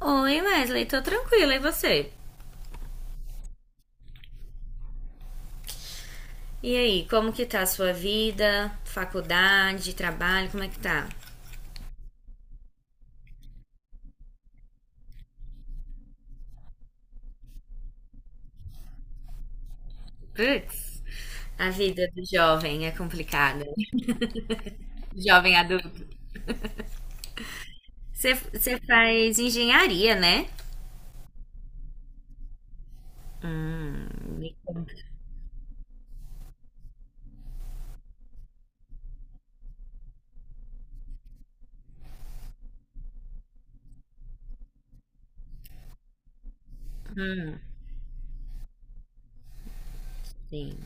Oi, Wesley, tô tranquila, e você? E aí, como que tá a sua vida? Faculdade, trabalho, como é que tá? Putz, a vida do jovem é complicada. Jovem adulto. Você faz engenharia, né? Hum, me conta, sim.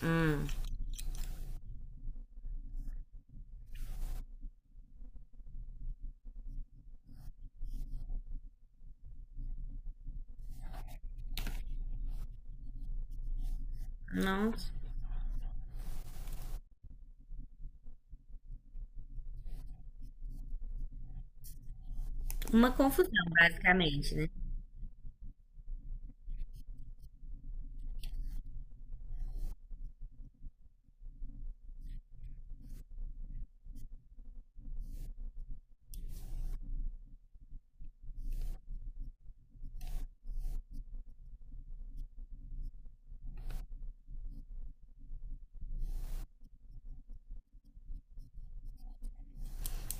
Hum, não, uma confusão, basicamente, né?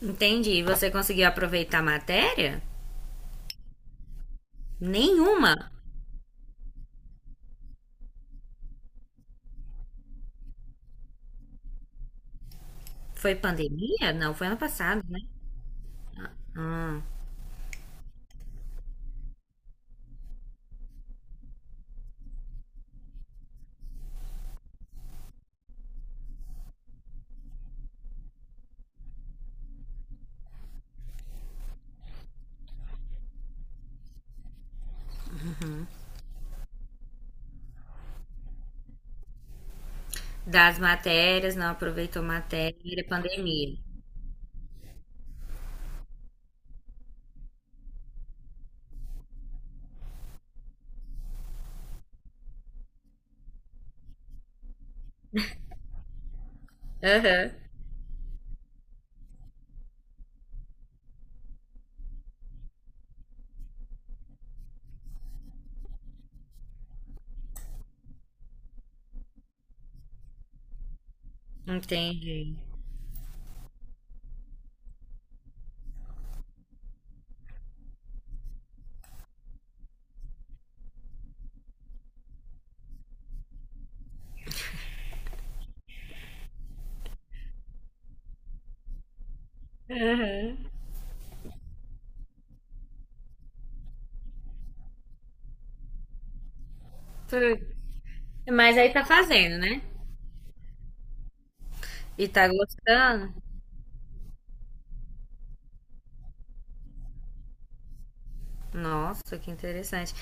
Entendi. E você conseguiu aproveitar a matéria? Nenhuma. Foi pandemia? Não, foi ano passado, né? Das matérias, não aproveitou matéria, pandemia. Aham, entendi. Putz, mas aí tá fazendo, né? E tá gostando? Nossa, que interessante.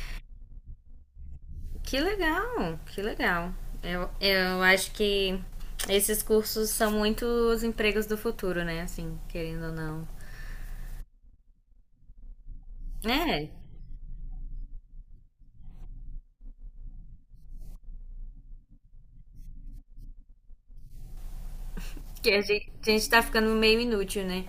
Que legal, que legal. Eu acho que esses cursos são muito os empregos do futuro, né? Assim, querendo ou não. É, que a gente tá ficando meio inútil, né?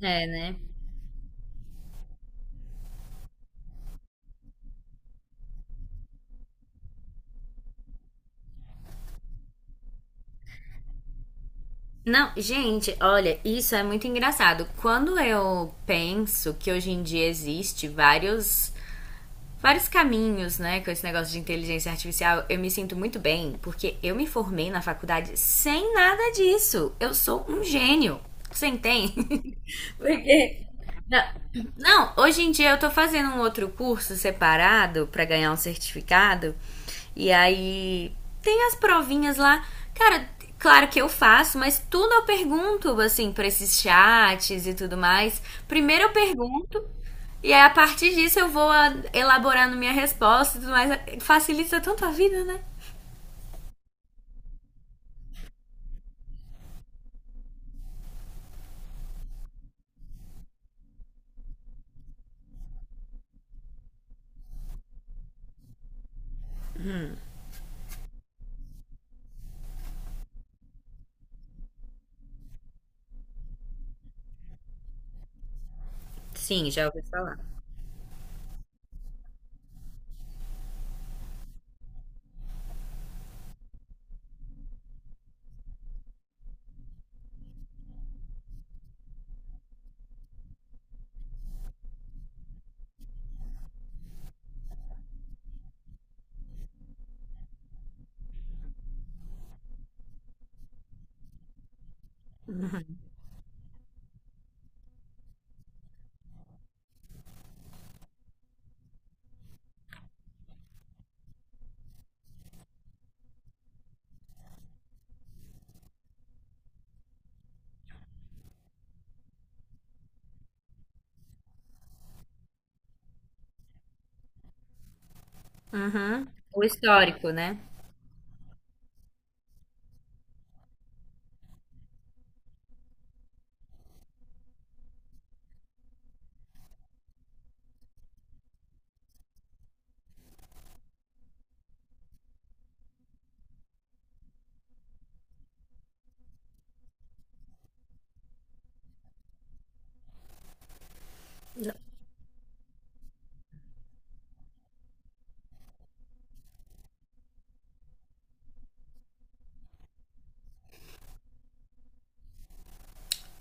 É, né? Não, gente, olha, isso é muito engraçado. Quando eu penso que hoje em dia existe vários vários caminhos, né, com esse negócio de inteligência artificial, eu me sinto muito bem, porque eu me formei na faculdade sem nada disso. Eu sou um gênio. Você entende? Porque. Não, não, hoje em dia eu tô fazendo um outro curso separado pra ganhar um certificado. E aí tem as provinhas lá. Cara, claro que eu faço, mas tudo eu pergunto, assim, pra esses chats e tudo mais. Primeiro eu pergunto, e aí a partir disso eu vou elaborando minha resposta e tudo mais. Facilita tanto a vida, né? Sim, já ouvi falar. Uhum. O histórico, né?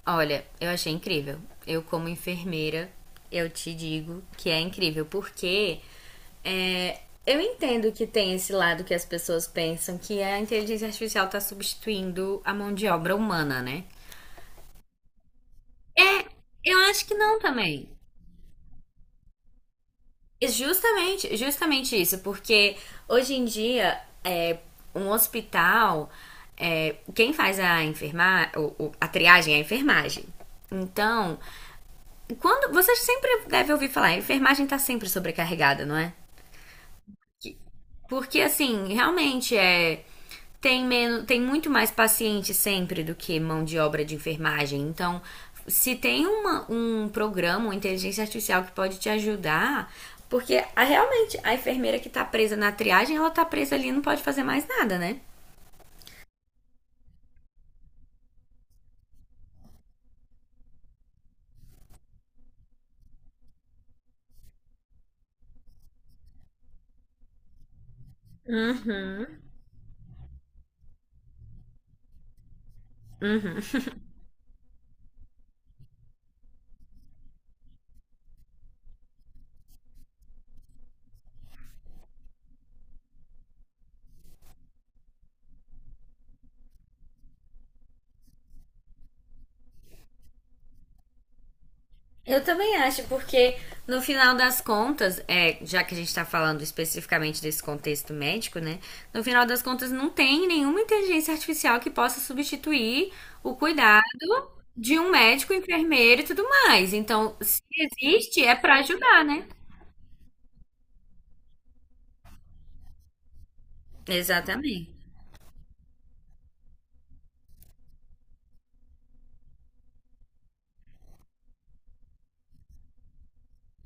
Olha, eu achei incrível. Eu, como enfermeira, eu te digo que é incrível, porque é, eu entendo que tem esse lado que as pessoas pensam que a inteligência artificial está substituindo a mão de obra humana, né? É, eu acho que não também. E justamente, justamente isso, porque hoje em dia é, um hospital, é, quem faz a enfermar, a triagem é a enfermagem. Então, quando. Vocês sempre devem ouvir falar, a enfermagem tá sempre sobrecarregada, não é? Porque, assim, realmente é. Tem, menos, tem muito mais paciente sempre do que mão de obra de enfermagem. Então, se tem uma, um programa, uma inteligência artificial que pode te ajudar, porque a, realmente a enfermeira que tá presa na triagem, ela tá presa ali e não pode fazer mais nada, né? Uhum. Eu também acho, porque no final das contas, é, já que a gente está falando especificamente desse contexto médico, né? No final das contas, não tem nenhuma inteligência artificial que possa substituir o cuidado de um médico, enfermeiro e tudo mais. Então, se existe, é para ajudar, né? Exatamente.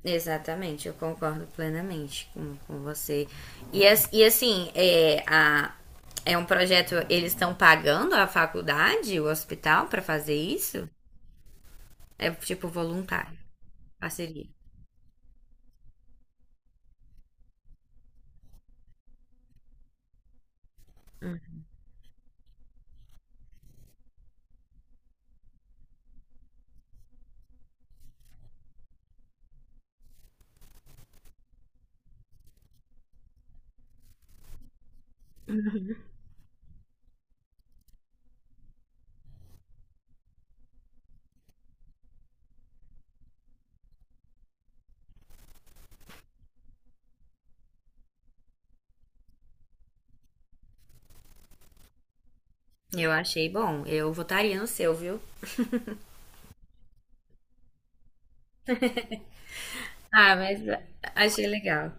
Exatamente, eu concordo plenamente com você. E, e assim, é, a, é um projeto, eles estão pagando a faculdade, o hospital, para fazer isso? É tipo voluntário, parceria. Eu achei bom. Eu votaria no seu, viu? Ah, mas achei legal.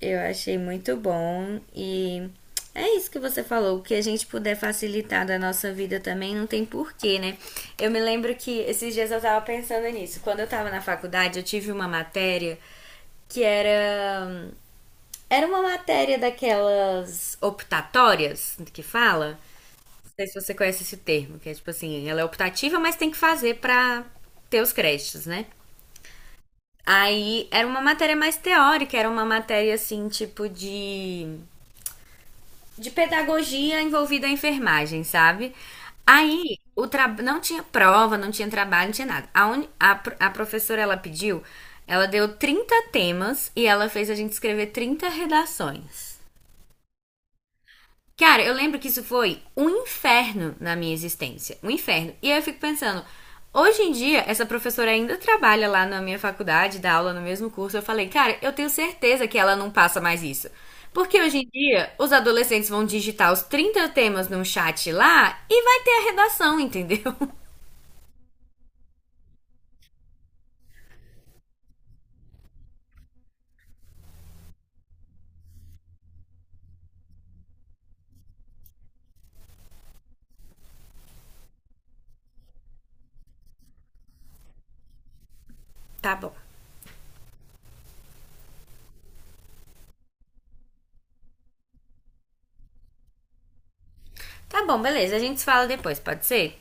Eu achei muito bom e é isso que você falou, o que a gente puder facilitar da nossa vida também não tem porquê, né? Eu me lembro que esses dias eu tava pensando nisso. Quando eu tava na faculdade, eu tive uma matéria que era era uma matéria daquelas optatórias que fala sei se você conhece esse termo, que é tipo assim, ela é optativa, mas tem que fazer pra ter os créditos, né? Aí era uma matéria mais teórica, era uma matéria assim, tipo de pedagogia envolvida a enfermagem, sabe? Aí o tra... não tinha prova, não tinha trabalho, não tinha nada. A professora ela pediu, ela deu 30 temas e ela fez a gente escrever 30 redações. Cara, eu lembro que isso foi um inferno na minha existência. Um inferno. E aí eu fico pensando, hoje em dia, essa professora ainda trabalha lá na minha faculdade, dá aula no mesmo curso. Eu falei, cara, eu tenho certeza que ela não passa mais isso. Porque hoje em dia, os adolescentes vão digitar os 30 temas num chat lá e vai ter a redação, entendeu? Tá bom. Tá bom, beleza. A gente se fala depois, pode ser?